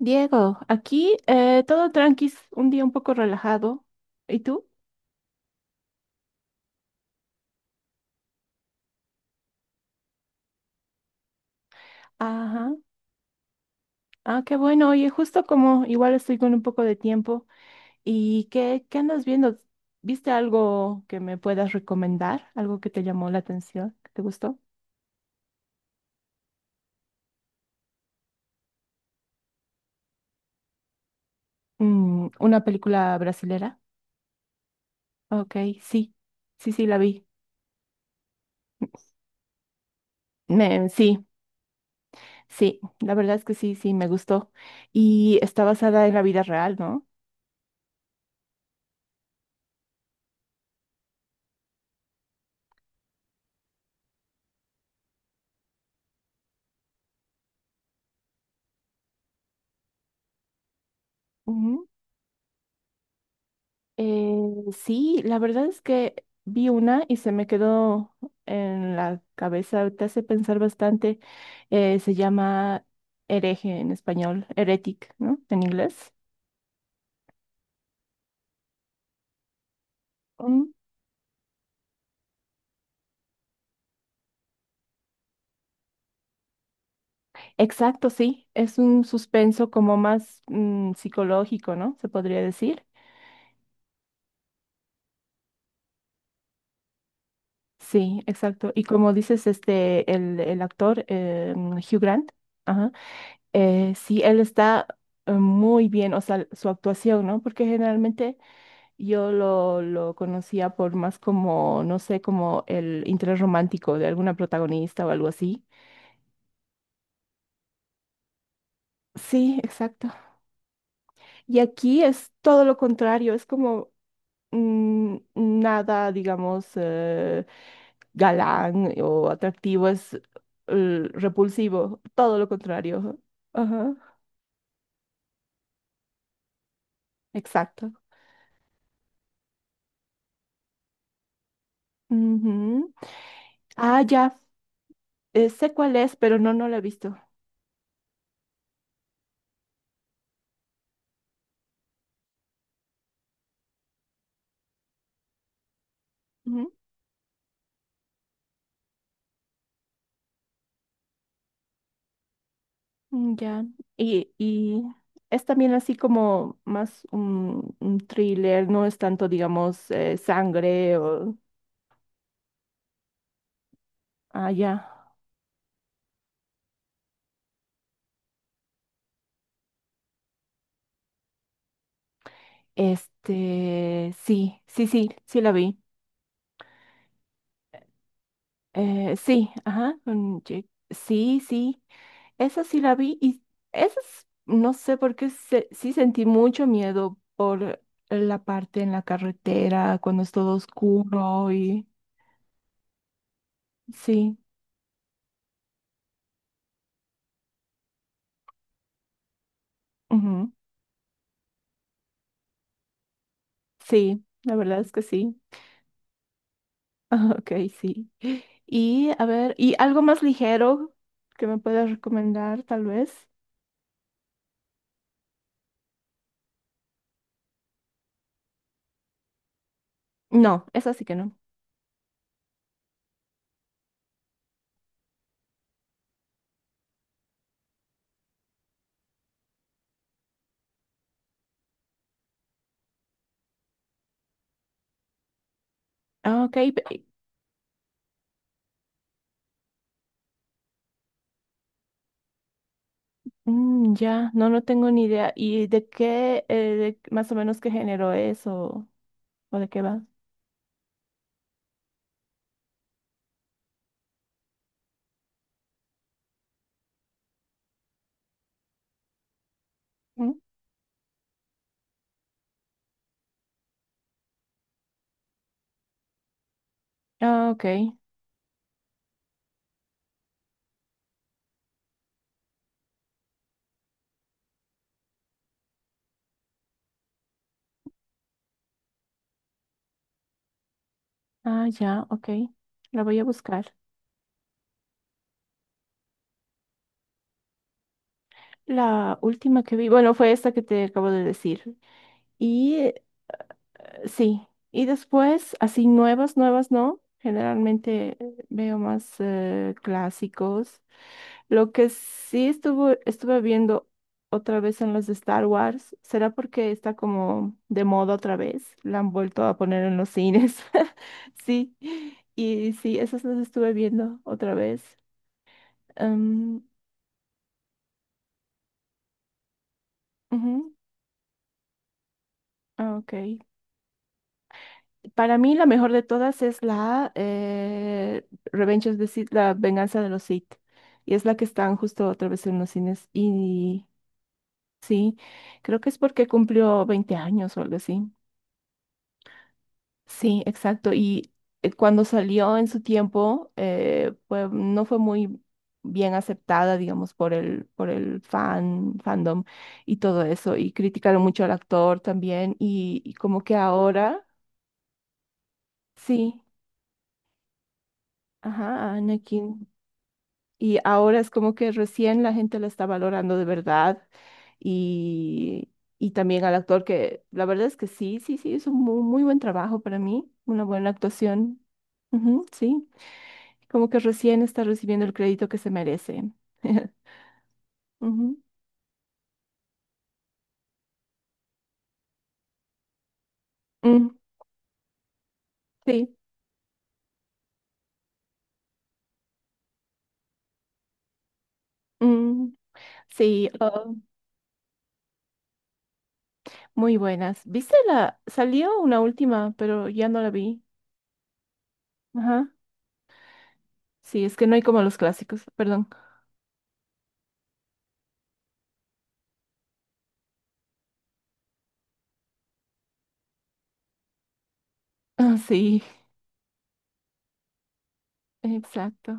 Diego, aquí todo tranqui, un día un poco relajado. ¿Y tú? Ajá. Ah, qué bueno. Oye, justo como igual estoy con un poco de tiempo. ¿Y qué andas viendo? ¿Viste algo que me puedas recomendar? ¿Algo que te llamó la atención? ¿Que te gustó? Mm, ¿una película brasilera? Ok, sí. Sí, sí, la vi. Sí, sí. La verdad es que sí, sí, me gustó. Y está basada en la vida real, ¿no? Eh, sí, la verdad es que vi una y se me quedó en la cabeza, te hace pensar bastante. Se llama hereje en español, heretic, ¿no? En inglés. Mm, exacto, sí, es un suspenso como más mm, psicológico, ¿no? Se podría decir. Sí, exacto. Y como dices, este, el actor Hugh Grant, ajá, sí, él está muy bien, o sea, su actuación, ¿no? Porque generalmente yo lo conocía por más como, no sé, como el interés romántico de alguna protagonista o algo así. Sí, exacto. Y aquí es todo lo contrario, es como mm, nada, digamos, galán o atractivo, es repulsivo, todo lo contrario. Ajá, exacto. Ujú. Ah, ya, sé cuál es, pero no, no la he visto. Mm, ya, y es también así como más un thriller, no es tanto, digamos, sangre o... Ah, ya. Este, sí, sí, sí, sí la vi. Sí, ajá, sí, sí, esa sí la vi y no sé sí sentí mucho miedo por la parte en la carretera, cuando es todo oscuro y... Sí, ujú, sí, la verdad es que sí. Ok, sí. Y a ver, ¿y algo más ligero que me puedas recomendar, tal vez? No, eso sí que no. Ah, ok, mm, ya, no, no tengo ni idea. ¿Y de qué, más o menos qué género es o de qué va? ¿Mm? Ah, ok. Ah, ya, ok. La voy a buscar. La última que vi, bueno, fue esta que te acabo de decir. Y sí, y después, así nuevas, nuevas, ¿no? Generalmente veo más clásicos. Lo que sí estuve viendo otra vez en los de Star Wars, ¿será porque está como de moda otra vez? La han vuelto a poner en los cines. Sí, y sí, esas las estuve viendo otra vez. Em, ujú, ah, ok. Para mí la mejor de todas es la Revenge of the Sith, la venganza de los Sith. Y es la que están justo otra vez en los cines. Y sí, creo que es porque cumplió 20 años o algo así. Sí, exacto. Y cuando salió en su tiempo, no fue muy bien aceptada, digamos, por por el fan, fandom y todo eso. Y criticaron mucho al actor también. Y como que ahora, sí, ajá, a Anakin. Y ahora es como que recién la gente la está valorando de verdad. Y, y también al actor que la verdad es que sí, sí, sí, es un muy, muy buen trabajo para mí, una buena actuación. Ujú, sí, como que recién está recibiendo el crédito que se merece. Ujú. Mm, sí, mm, sí, oh, muy buenas. ¿Viste la? Salió una última, pero ya no la vi. Ajá. Sí, es que no hay como los clásicos, perdón. Ah, sí, exacto.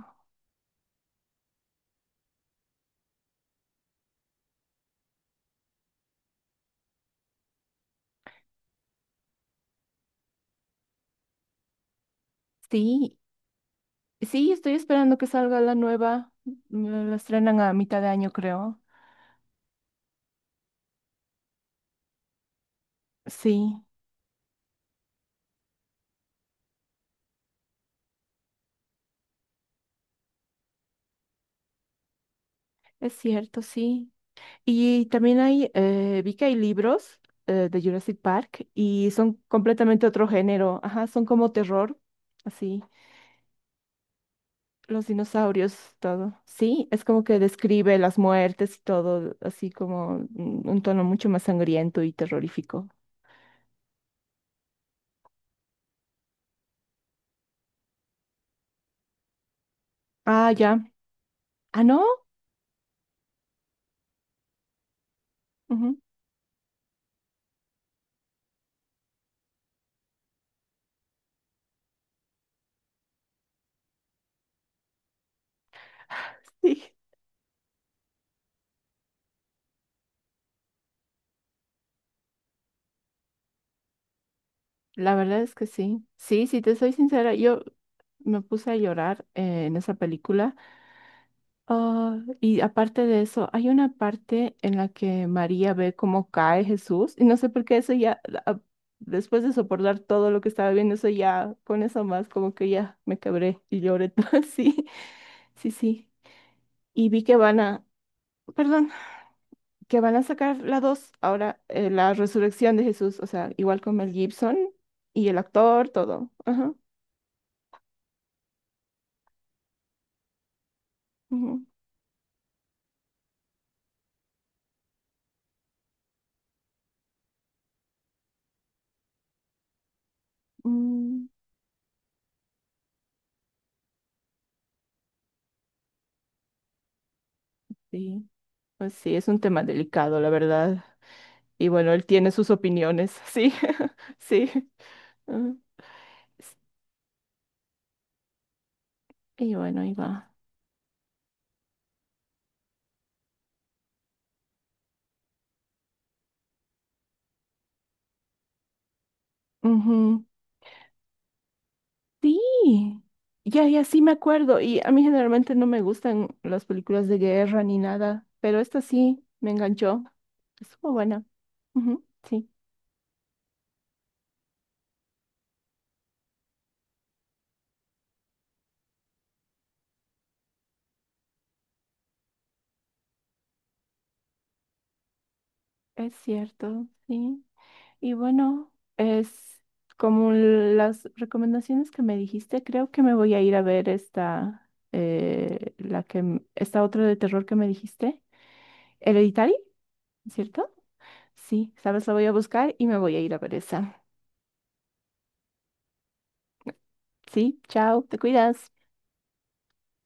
Sí, sí, estoy esperando que salga la nueva. Mm, la estrenan a mitad de año, creo. Sí, es cierto, sí. Y también hay, vi que hay libros de Jurassic Park y son completamente otro género. Ajá, son como terror, así. Los dinosaurios, todo. Sí, es como que describe las muertes y todo, así como mm, un tono mucho más sangriento y terrorífico. Ah, ya. Ah, no. Ujú, sí. La verdad es que sí. Sí, si te soy sincera, yo me puse a llorar en esa película. Ah, y aparte de eso, hay una parte en la que María ve cómo cae Jesús. Y no sé por qué eso ya, ah, después de soportar todo lo que estaba viendo, eso ya, con eso más, como que ya me quebré y lloré. Sí, sí, sí. Y vi que van a, perdón, que van a sacar la 2 ahora, la resurrección de Jesús. O sea, igual con Mel Gibson y el actor, todo. Ajá. Ujú. Mm, sí, pues sí, es un tema delicado, la verdad. Y bueno, él tiene sus opiniones, sí, sí. Ah, s- y bueno, ahí va. Ujú, sí, ya, ya sí me acuerdo. Y a mí generalmente no me gustan las películas de guerra ni nada, pero esta sí me enganchó. Estuvo buena. Ujú, sí, es cierto, sí. Y bueno, es como las recomendaciones que me dijiste, creo que me voy a ir a ver esta, la que, esta otra de terror que me dijiste, Hereditary, ¿cierto? Sí, sabes, la voy a buscar y me voy a ir a ver esa. Sí, chao, te cuidas.